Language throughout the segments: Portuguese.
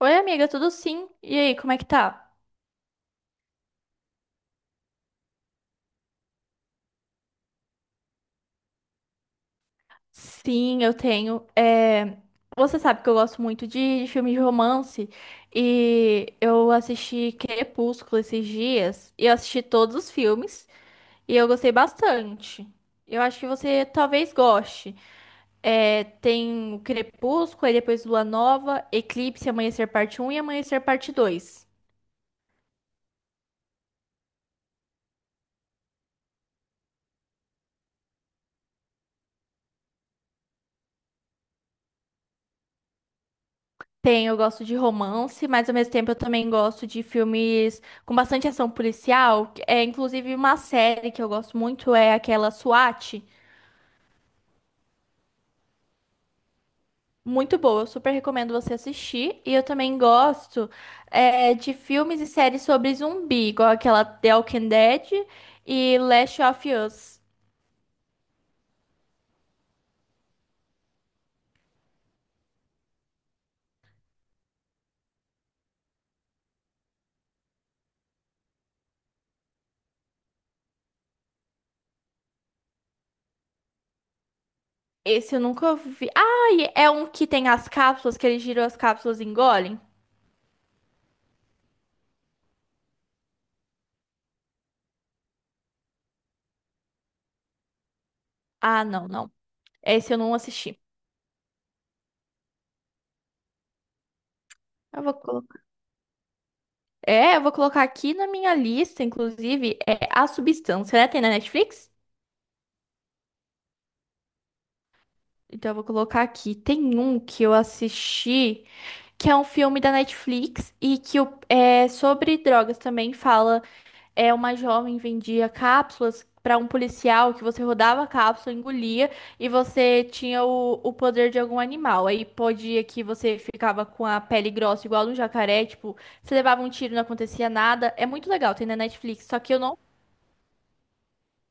Oi, amiga, tudo sim? E aí, como é que tá? Sim, eu tenho. Você sabe que eu gosto muito de filme de romance e eu assisti Crepúsculo esses dias e eu assisti todos os filmes e eu gostei bastante. Eu acho que você talvez goste. Tem o Crepúsculo, aí depois Lua Nova, Eclipse, Amanhecer Parte Um e Amanhecer Parte Dois. Tem, eu gosto de romance, mas ao mesmo tempo eu também gosto de filmes com bastante ação policial. É inclusive uma série que eu gosto muito é aquela SWAT, muito boa. Eu super recomendo você assistir. E eu também gosto de filmes e séries sobre zumbi, igual aquela The Walking Dead e Last of Us. Esse eu nunca vi. Ah, e é um que tem as cápsulas que eles giram as cápsulas e engolem. Ah, não, não. Esse eu não assisti. Eu vou colocar. Eu vou colocar aqui na minha lista, inclusive, é A Substância, né? Tem na Netflix? Então eu vou colocar aqui. Tem um que eu assisti, que é um filme da Netflix e que é sobre drogas também fala. É uma jovem vendia cápsulas para um policial que você rodava a cápsula, engolia e você tinha o poder de algum animal. Aí podia que você ficava com a pele grossa igual a um jacaré, tipo, você levava um tiro e não acontecia nada. É muito legal, tem na Netflix, só que eu não.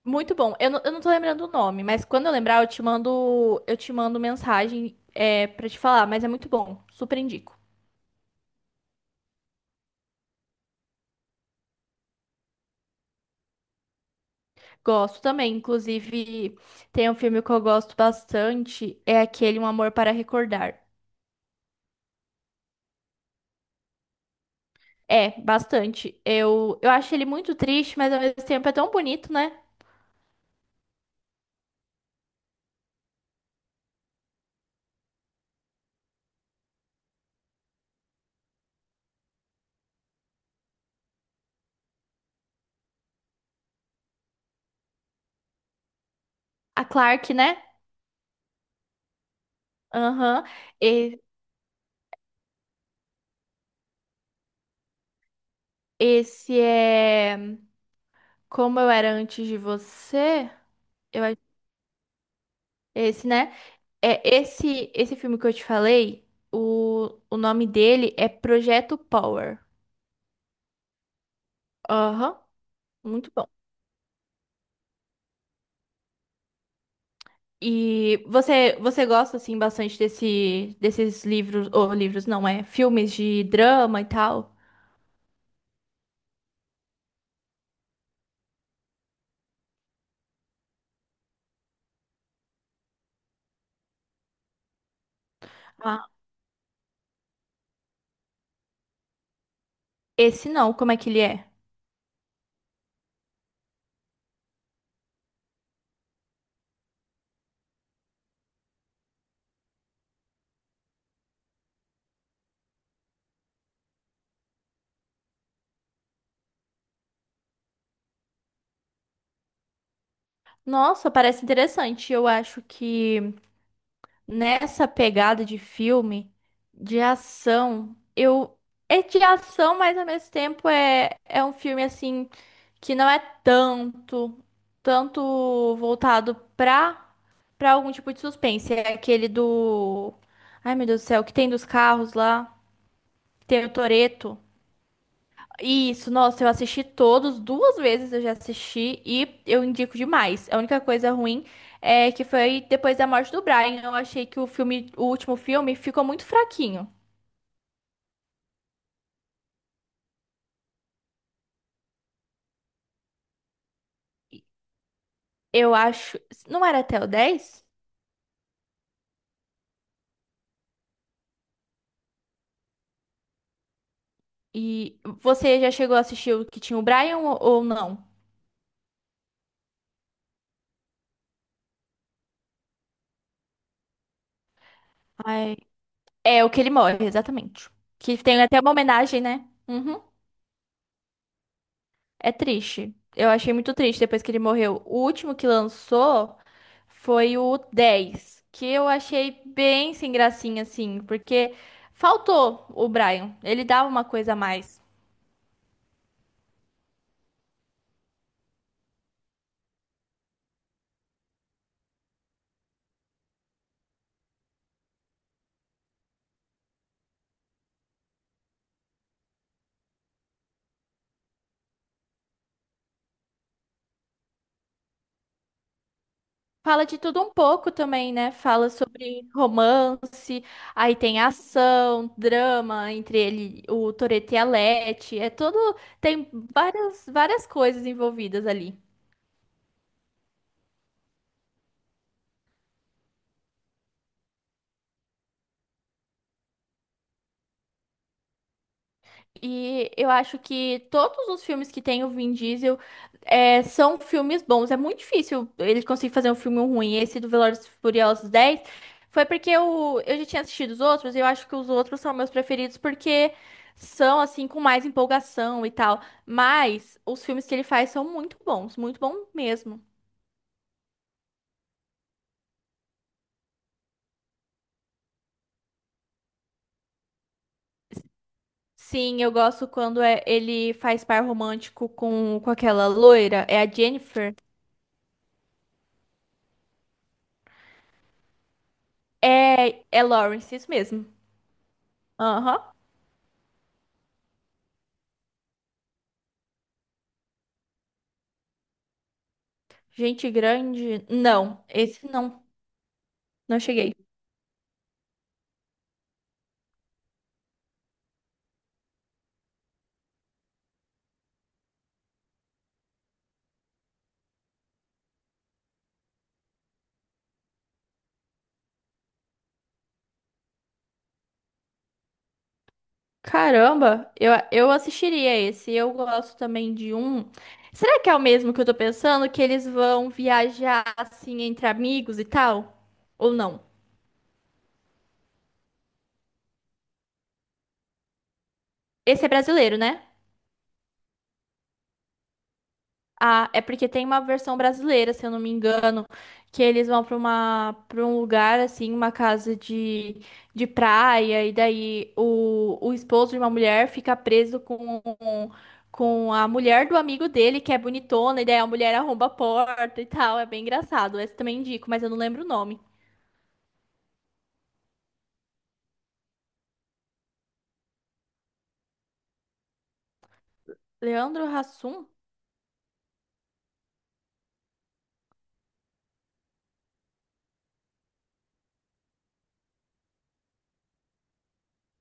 Muito bom. Eu não tô lembrando o nome, mas quando eu lembrar, eu te mando, mensagem para te falar, mas é muito bom. Super indico. Gosto também. Inclusive, tem um filme que eu gosto bastante, é aquele Um Amor para Recordar. É, bastante. Eu acho ele muito triste, mas ao mesmo tempo é tão bonito, né? A Clark, né? Aham. E- Esse é Como Eu Era Antes de Você. Eu acho- Esse, né? É esse filme que eu te falei, o nome dele é Projeto Power. Aham, muito bom. E você gosta assim bastante desses livros ou livros não é, filmes de drama e tal? Ah, esse não, como é que ele é? Nossa, parece interessante. Eu acho que nessa pegada de filme de ação, eu é de ação, mas ao mesmo tempo é um filme assim que não é tanto voltado pra algum tipo de suspense. É aquele do. Ai, meu Deus do céu, que tem dos carros lá, que tem o Toreto. Isso, nossa, eu assisti todos, duas vezes eu já assisti e eu indico demais. A única coisa ruim é que foi depois da morte do Brian. Eu achei que o filme, o último filme, ficou muito fraquinho. Eu acho. Não era até o 10? E você já chegou a assistir o que tinha o Brian ou não? É o que ele morre, exatamente. Que tem até uma homenagem, né? Uhum. É triste. Eu achei muito triste depois que ele morreu. O último que lançou foi o 10, que eu achei bem sem gracinha, assim, porque faltou o Brian. Ele dava uma coisa a mais. Fala de tudo um pouco também, né? Fala sobre romance, aí tem ação, drama entre ele, o Toretto e a Letty. É todo. Tem várias, várias coisas envolvidas ali. E eu acho que todos os filmes que tem o Vin Diesel são filmes bons. É muito difícil ele conseguir fazer um filme ruim. Esse do Velozes e Furiosos 10 foi porque eu já tinha assistido os outros e eu acho que os outros são meus preferidos porque são, assim, com mais empolgação e tal. Mas os filmes que ele faz são muito bons, muito bom mesmo. Sim, eu gosto quando ele faz par romântico com aquela loira. É a Jennifer? É, é Lawrence, isso mesmo. Aham. Gente grande? Não, esse não. Não cheguei. Caramba, eu assistiria esse. Eu gosto também de um. Será que é o mesmo que eu tô pensando? Que eles vão viajar assim entre amigos e tal? Ou não? Esse é brasileiro, né? Ah, é porque tem uma versão brasileira, se eu não me engano, que eles vão para um lugar assim, uma casa de praia e daí o esposo de uma mulher fica preso com a mulher do amigo dele, que é bonitona, e daí a mulher arromba a porta e tal, é bem engraçado. Esse também indico, mas eu não lembro o nome. Leandro Hassum,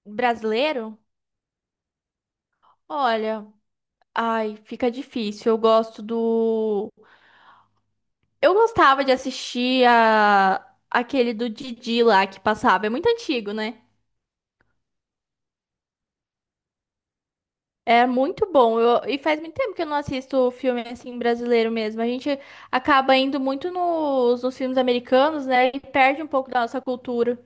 brasileiro? Olha, ai, fica difícil. Eu gosto do Eu gostava de assistir a aquele do Didi lá que passava. É muito antigo, né? É muito bom. E faz muito tempo que eu não assisto filme assim brasileiro mesmo. A gente acaba indo muito nos filmes americanos, né? E perde um pouco da nossa cultura.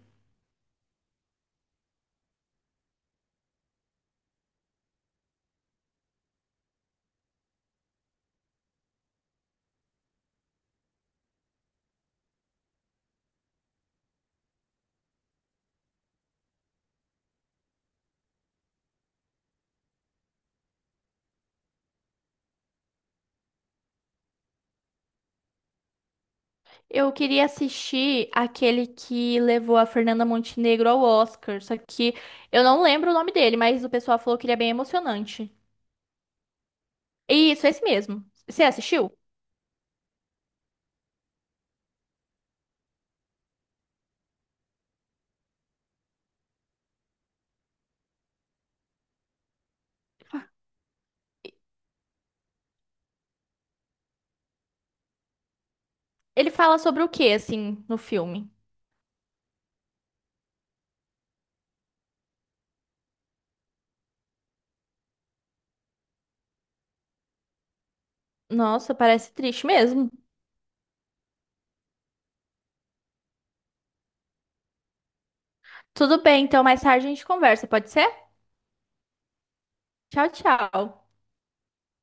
Eu queria assistir aquele que levou a Fernanda Montenegro ao Oscar. Só que eu não lembro o nome dele, mas o pessoal falou que ele é bem emocionante. Isso, é esse mesmo. Você assistiu? Ele fala sobre o que, assim, no filme? Nossa, parece triste mesmo. Tudo bem, então mais tarde a gente conversa, pode ser? Tchau, tchau.